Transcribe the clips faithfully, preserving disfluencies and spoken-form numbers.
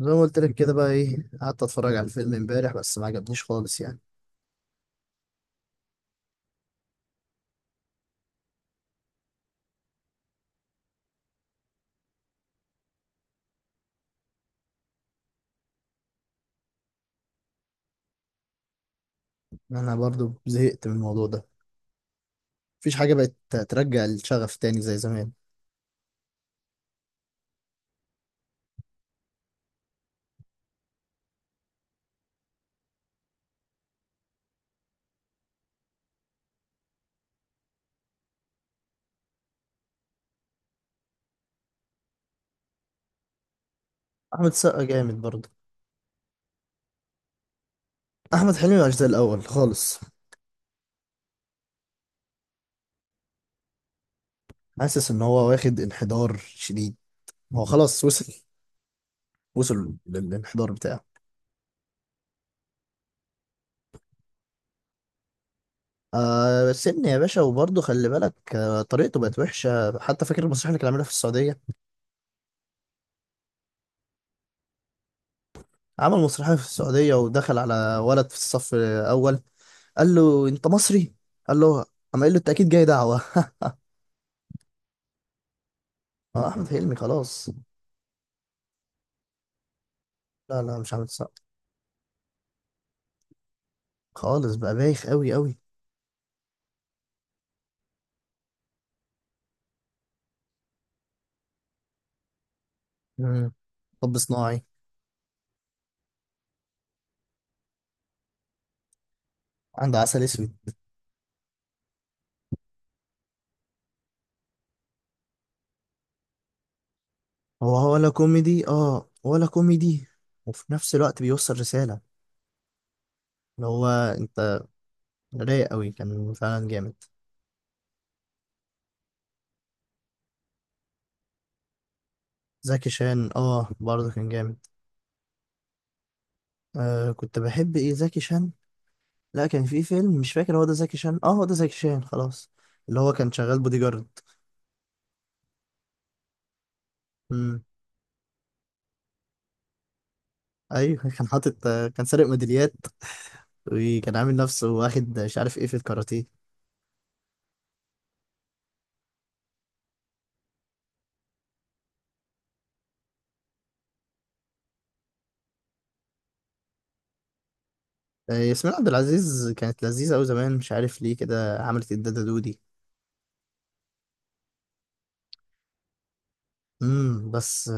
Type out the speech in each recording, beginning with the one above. زي ما قلت لك كده بقى ايه قعدت اتفرج على الفيلم امبارح، بس ما عجبنيش خالص يعني. انا برضو زهقت من الموضوع ده. مفيش حاجه بقت ترجع الشغف تاني زي زمان. احمد السقا جامد برضو. احمد حلمي مش زي الاول خالص. حاسس ان هو واخد انحدار شديد. هو خلاص وصل. وصل للانحدار بتاعه. آه، سن يا باشا، وبرضه خلي بالك. آه طريقته بقت وحشه. حتى فاكر المسرحيه اللي كان عاملها في السعوديه. عمل مسرحيه في السعوديه ودخل على ولد في الصف الاول. قال له انت مصري. قال له قام قال له انت اكيد جاي دعوه. اه، احمد حلمي خلاص. لا لا، مش عامل السقا خالص، بقى بايخ قوي قوي. مم. طب صناعي. عنده عسل اسود. هو هو ولا كوميدي اه ولا كوميدي، وفي نفس الوقت بيوصل رساله. اللي هو انت رايق قوي كان فعلا جامد. زكي شان، اه برضه كان جامد. آه كنت بحب ايه زكي شان. لا، كان في فيلم مش فاكر هو ده زكي شان اه هو ده زكي شان خلاص. اللي هو كان شغال بودي جارد. ايوه، كان حاطط. كان سارق ميداليات. وكان عامل نفسه واخد مش عارف ايه في الكاراتيه. آه، ياسمين عبد العزيز كانت لذيذة أوي زمان. مش عارف ليه كده عملت الدادة دودي. امم بس.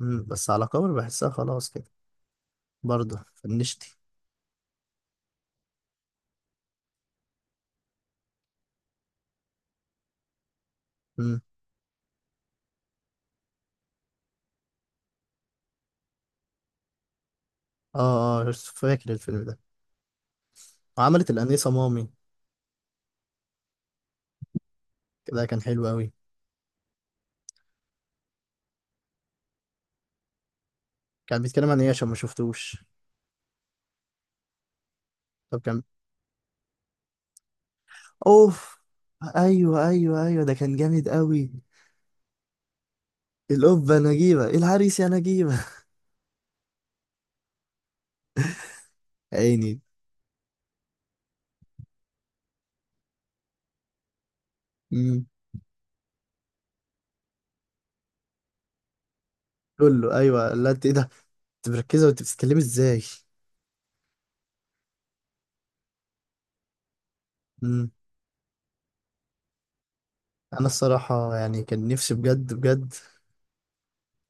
امم بس، على كبر بحسها خلاص كده. برضه فنشتي. امم. اه اه، فاكر الفيلم ده. وعملت الأنيسة مامي، كده كان حلو أوي. كان بيتكلم عن ايه عشان ما شفتوش. طب كان. اوف. ايوه ايوه ايوه، ده كان جامد أوي. الأوبا نجيبة العريس يا نجيبة. عيني. لولو ايوه، لا انت ايه ده؟ انت مركزه وانت بتتكلمي ازاي. امم. انا الصراحه يعني كان نفسي بجد بجد،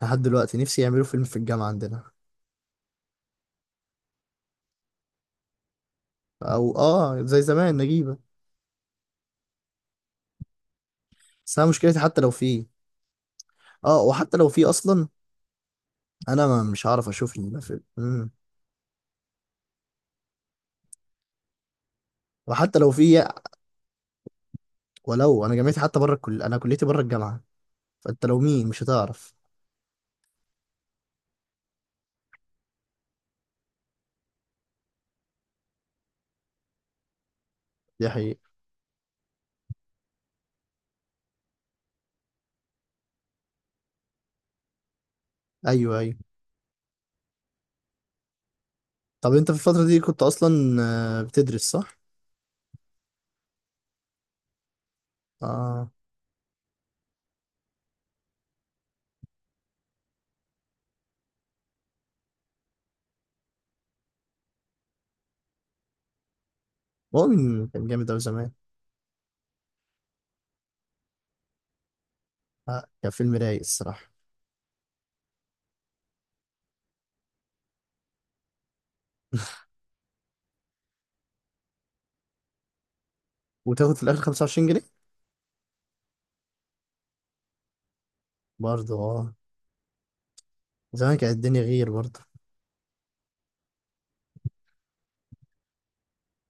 لحد دلوقتي نفسي يعملوا فيلم في الجامعه عندنا. او اه زي زمان نجيبه. بس انا مشكلتي حتى لو في. اه، وحتى لو في اصلا، انا ما مش هعرف اشوف الفيلم. امم وحتى لو في. ولو انا جامعتي حتى بره الكل، انا كليتي بره الجامعه. فانت لو مين مش هتعرف. دي حقيقه. ايوه ايوه. طب انت في الفتره دي كنت اصلا آه، بتدرس صح؟ اه، مؤمن كان جامد اوي زمان. آه، كان فيلم رايق الصراحه. وتاخد في الاخر خمسة وعشرين جنيه. برضه اه، زمان كانت الدنيا غير برضه.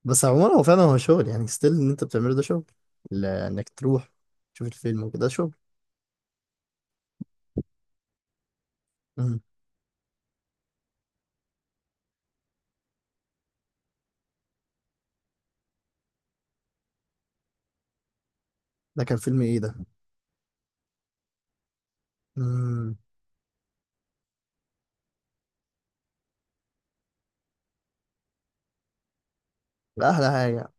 بس عموما هو فعلا هو شغل يعني، ستيل ان انت بتعمله ده شغل، ل- انك تروح تشوف الفيلم وكده ده شغل. مم. ده كان فيلم ايه ده؟ امم. ده احلى حاجه.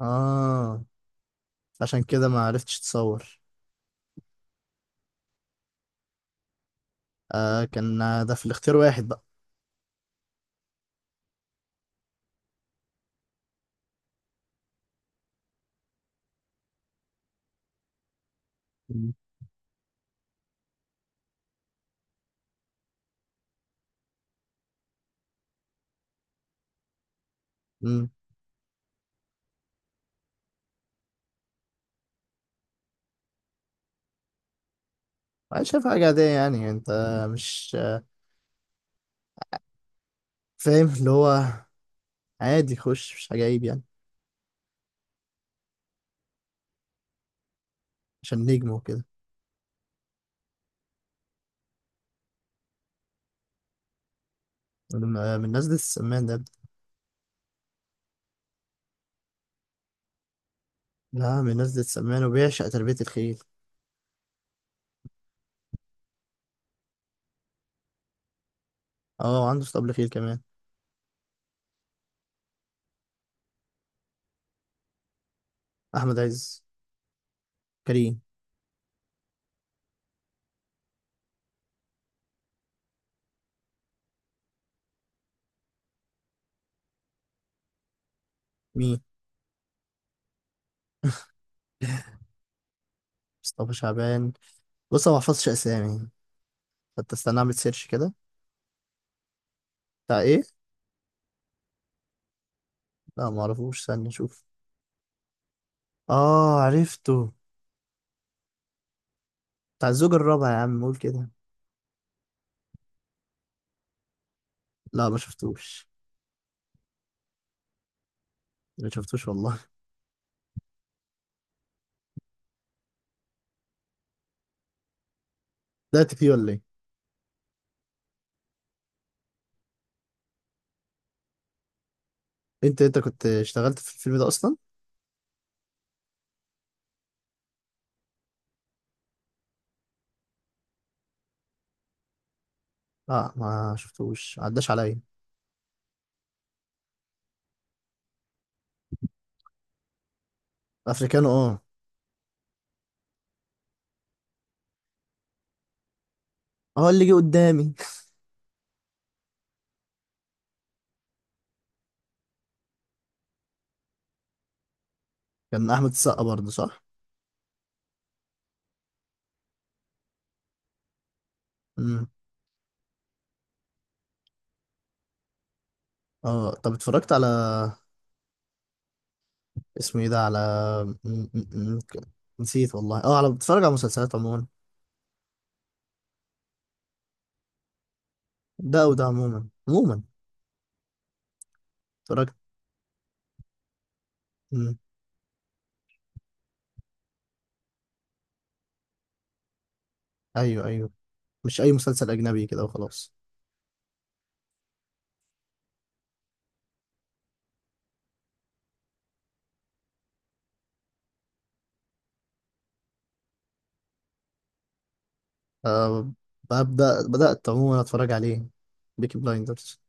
اه، عشان كده ما عرفتش تصور. آه، كان ده في الاختيار واحد بقى. مم. مم. انا شايف حاجه عاديه يعني، انت مش آه، فاهم اللي هو، عادي خش، مش حاجه عيب يعني. عشان نجم وكده. من آه، من الناس دي السمان ده. لا، من ناس ذات سمان، وبيعشق تربية الخيل. اه، وعنده اسطبل خيل كمان. أحمد عز، كريم، مين؟ مصطفى شعبان. بص، أنا ما بحفظش أسامي، فأنت استنى أعمل سيرش كده. بتاع إيه؟ لا معرفوش، استنى أشوف. اه، عرفته. بتاع الزوج الرابع يا عم، قول كده. لا، ما شفتوش. ما شفتوش والله. بدأت فيه ولا إيه؟ أنت أنت كنت اشتغلت في الفيلم ده أصلا؟ لا، ما شفتوش، عداش عليا. أفريكانو، اه. اه، اللي جه قدامي. كان أحمد السقا برضه صح؟ امم. اه، طب اتفرجت على، اسمه ايه ده، على، م- م- م- نسيت والله. اه، على بتفرج على مسلسلات عموما، ده وده عموما عموما. اتفرجت. مم. ايوه ايوه، مش اي مسلسل اجنبي كده وخلاص. أه، ببدأ بدأت عموما اتفرج عليه. بيكي بلايندرز.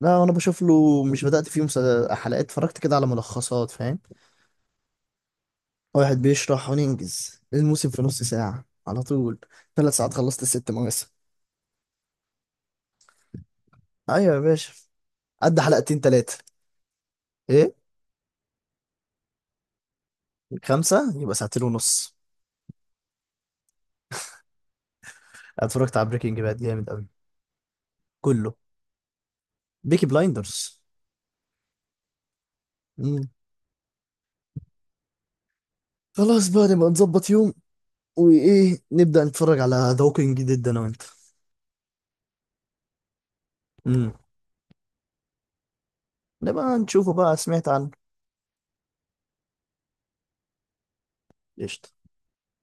لا انا بشوف له، مش بدأت فيه مسل- حلقات، اتفرجت كده على ملخصات فاهم. واحد بيشرح وننجز الموسم في نص ساعة على طول. ثلاث ساعات خلصت الست مواسم. ايوه يا باشا. قد حلقتين ثلاثة، ايه. خمسة يبقى ساعتين ونص. اتفرجت على بريكنج باد، جامد قوي كله. بيكي بلايندرز. مم. خلاص بقى نبقى نظبط يوم، وايه نبدى نتفرج على ذا ووكينج ديد انا وانت. مم. نبقى نشوفه بقى، سمعت عنه. قشطة